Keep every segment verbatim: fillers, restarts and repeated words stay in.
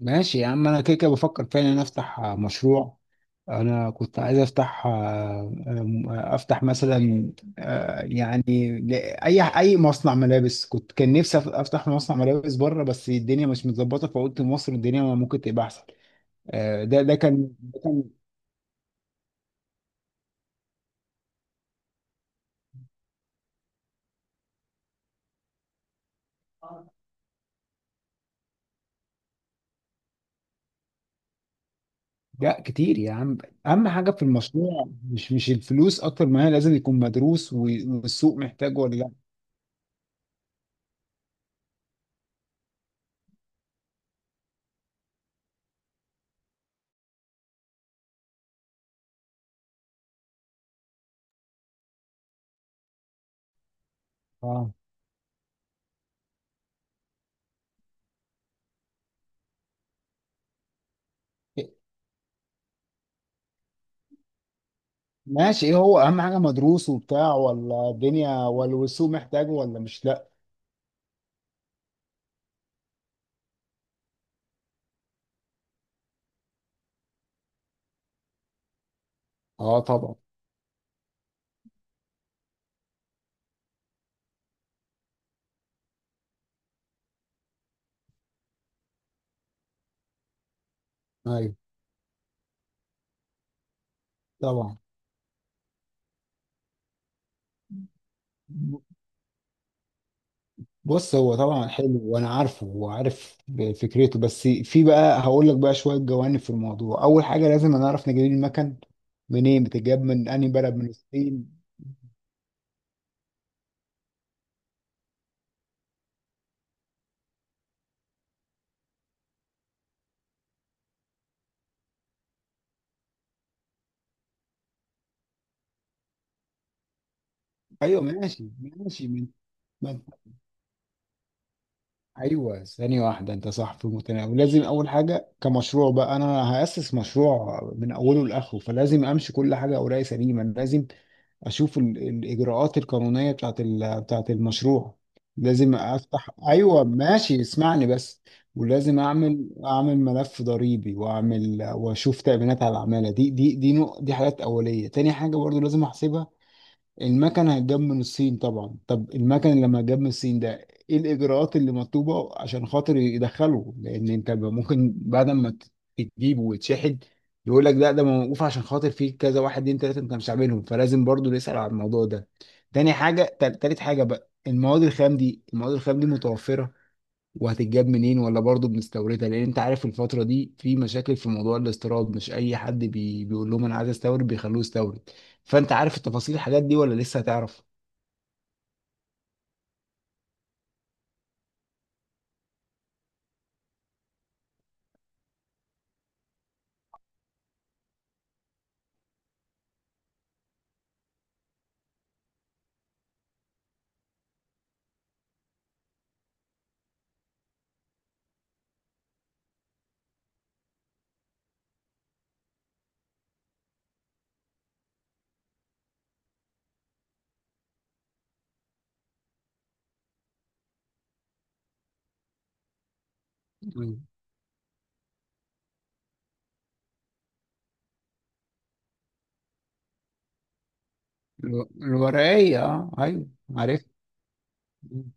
ماشي يا عم، انا كده كده بفكر فعلا افتح آه، مشروع. انا كنت عايز افتح آه، آه، افتح مثلا، آه، يعني ل- اي اي مصنع ملابس. كنت كان نفسي أف- افتح مصنع ملابس بره، بس الدنيا مش متظبطه، فقلت مصر الدنيا ممكن تبقى احسن. آه، ده ده كان ده كان لا، كتير يا عم. اهم حاجه في المشروع مش مش الفلوس اكتر، ما هي لازم يكون مدروس و- والسوق محتاجه ولا لا. اه ماشي، ايه هو اهم حاجه؟ مدروس وبتاع ولا الدنيا ولا والسوق محتاجه ولا مش لا؟ اه طبعا. ايوه طبعا. بص، هو طبعا حلو وانا عارفه وعارف فكرته. بس في بقى، هقول لك بقى شويه جوانب في الموضوع. اول حاجه لازم نعرف نجيب المكن منين، بتتجاب من انهي بلد، من الصين؟ ايوه ماشي. ماشي، من من ايوه ثانيه واحده. انت صح، في المتناول. لازم اول حاجه كمشروع بقى انا هاسس مشروع من اوله لاخره. فلازم امشي كل حاجه، اوراقي سليمه، لازم اشوف ال- الاجراءات القانونيه بتاعت ال- بتاعت المشروع. لازم افتح. ايوه ماشي، اسمعني بس. ولازم اعمل اعمل ملف ضريبي، واعمل واشوف تأمينات على العماله دي دي دي نوع، دي حاجات اوليه. تاني حاجه برضو لازم احسبها. المكن هيتجاب من الصين طبعا. طب المكن لما جاب من الصين ده، ايه الاجراءات اللي مطلوبه عشان خاطر يدخله؟ لان انت ب- ممكن بعد ما ت- تجيبه ويتشحن، يقول لك لا، ده موقوف عشان خاطر فيه كذا واحد اتنين تلاته انت مش عاملهم، فلازم برضو نسال على الموضوع ده. تاني حاجه، تل- تالت حاجه بقى، المواد الخام دي. المواد الخام دي متوفره وهتتجاب منين، ولا برضه بنستوردها؟ لان انت عارف الفتره دي في مشاكل في موضوع الاستيراد، مش اي حد بي بيقول لهم انا عايز استورد بيخلوه يستورد. فانت عارف التفاصيل، الحاجات دي، ولا لسه هتعرف؟ مم. الو- الورقية، اه ايوه عرفت. مم.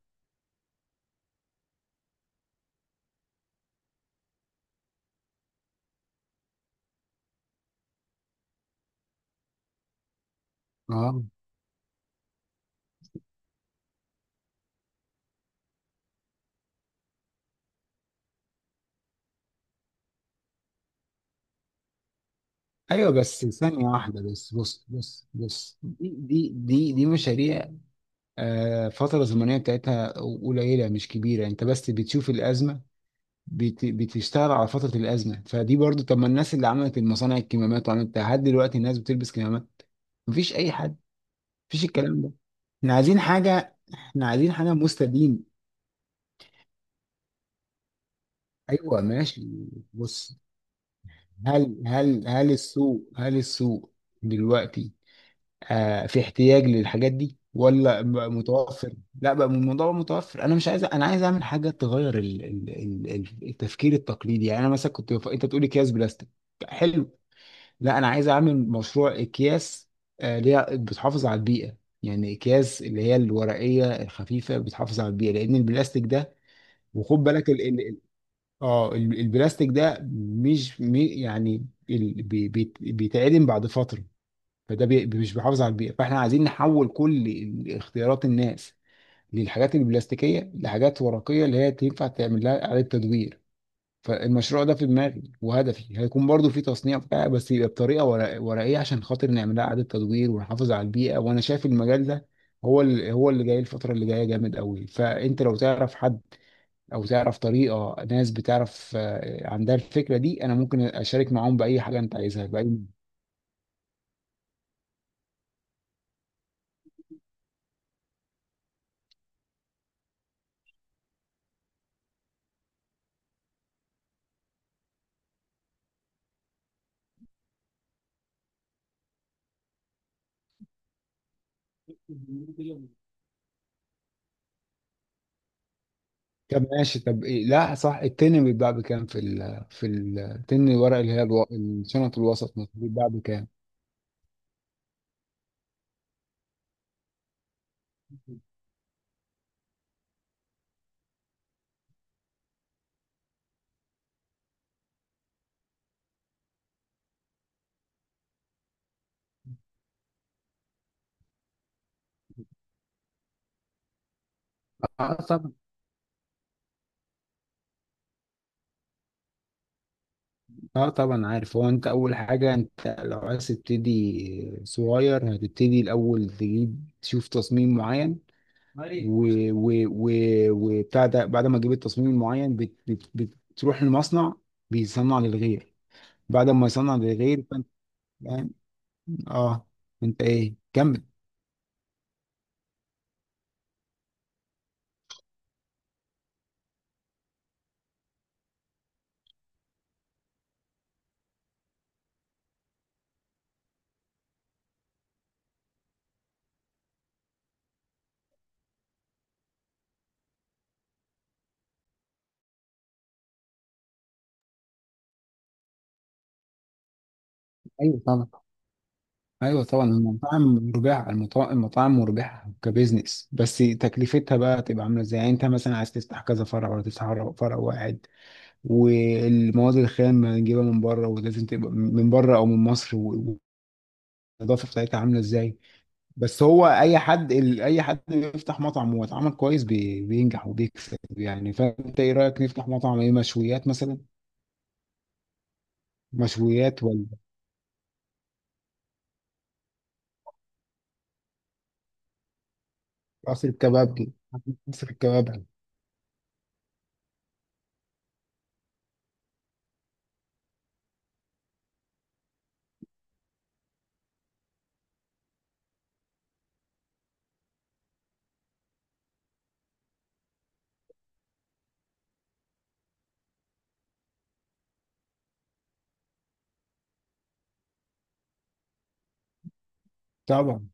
اه ايوه، بس ثانية واحدة. بس، بص بص بص، دي دي دي, دي مشاريع آه فترة زمنية بتاعتها قليلة، مش كبيرة. انت بس بتشوف الأزمة، بت- بتشتغل على فترة الأزمة، فدي برضو. طب ما الناس اللي عملت المصانع، الكمامات، وعملت بتاع، لحد دلوقتي الناس بتلبس كمامات؟ مفيش أي حد. مفيش الكلام ده. احنا عايزين حاجة احنا عايزين حاجة مستديم. أيوة ماشي. بص، هل هل هل السوق هل السوق دلوقتي آه في احتياج للحاجات دي ولا بقى متوفر؟ لا بقى، الموضوع بقى متوفر. انا مش عايز، انا عايز اعمل حاجه تغير ال- ال- ال- التفكير التقليدي. يعني انا مثلا كنت بف... انت بتقولي اكياس بلاستيك، حلو؟ لا، انا عايز اعمل مشروع اكياس آه، اللي هي بتحافظ على البيئه. يعني اكياس اللي هي الورقيه الخفيفه بتحافظ على البيئه، لان البلاستيك ده، وخد بالك، ال ال ال- اه ال- البلاستيك ده مش مي- يعني ال- بي- بي- بيتعدم بعد فتره، فده بي مش بيحافظ على البيئه. فاحنا عايزين نحول كل ال- اختيارات الناس للحاجات البلاستيكيه لحاجات ورقيه اللي هي تنفع تعمل لها اعاده تدوير. فالمشروع ده في دماغي، وهدفي هيكون برضو في تصنيع بتاع، بس يبقى بطريقه ورق- ورقيه عشان خاطر نعملها اعاده تدوير ونحافظ على البيئه. وانا شايف المجال ده هو اللي، هو اللي جاي الفتره اللي جايه جامد قوي. فانت لو تعرف حد او تعرف طريقه ناس بتعرف آه، عندها الفكره دي، انا ممكن اشارك معاهم باي حاجه انت عايزها، باي. طب ماشي. طب إيه؟ لا صح. التن بيتباع بكام، في ال في التن الورق اللي هي الو- الشنط الوسط مثلا بيتباع بكام؟ اه طبعا. اه طبعا عارف. هو انت، اول حاجة، انت لو عايز تبتدي صغير، هتبتدي الاول تجيب تشوف تصميم معين و و و وبتاع ده. بعد ما تجيب التصميم المعين بت بت بت- بتروح المصنع، بيصنع للغير. بعد ما يصنع للغير، فانت فاهم. اه. انت ايه، كمل. ايوه طبعا. ايوه طبعا، المطاعم مربحة. المطا- المطاعم مربحة كبزنس، بس تكلفتها بقى تبقى عاملة ازاي؟ يعني انت مثلا عايز تفتح كذا فرع، ولا تفتح فرع فرع واحد؟ والمواد الخام هنجيبها من بره، ولازم تبقى من بره او من مصر، و- والنظافه بتاعتها عامله ازاي؟ بس هو اي حد، ال- اي حد بيفتح مطعم واتعمل كويس بي- بينجح وبيكسب. يعني فانت ايه رايك، نفتح مطعم ايه، مشويات مثلا؟ مشويات، ولا قصر الكبابجي. قصر الكبابجي. طبعا.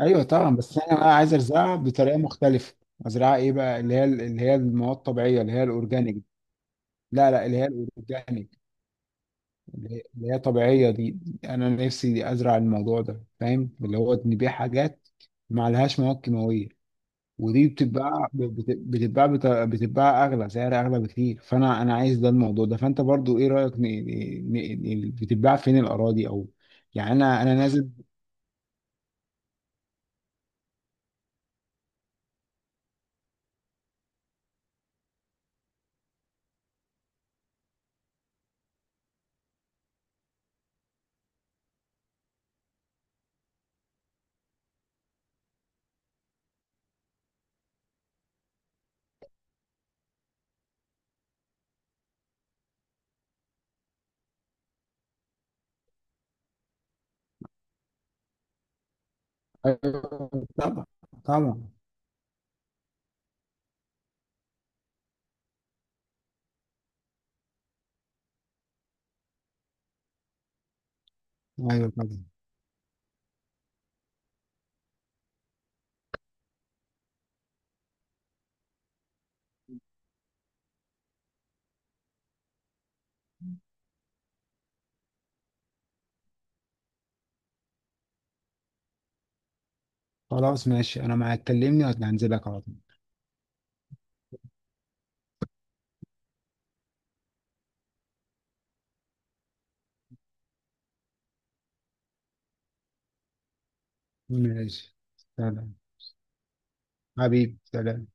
ايوه طبعا. بس انا بقى عايز ازرعها بطريقه مختلفه. ازرعها ايه بقى، اللي هي، اللي هي المواد الطبيعيه اللي هي الاورجانيك. لا لا، اللي هي الاورجانيك. اللي هي طبيعية دي. أنا نفسي أزرع الموضوع ده، فاهم؟ اللي هو نبيع حاجات ما لهاش مواد كيماوية. ودي بتتباع، بت- بتتباع بت- بتتباع أغلى سعر، أغلى بكتير. فأنا أنا عايز ده الموضوع ده. فأنت برضو إيه رأيك ن- ن- ن- بتتباع فين الأراضي أو، يعني أنا أنا نازل. أيوة، طبعا. طبعا. أيوه طبعا. خلاص ماشي، أنا معاك كلمني وهنزلك على طول. ماشي. سلام. حبيبي، سلام.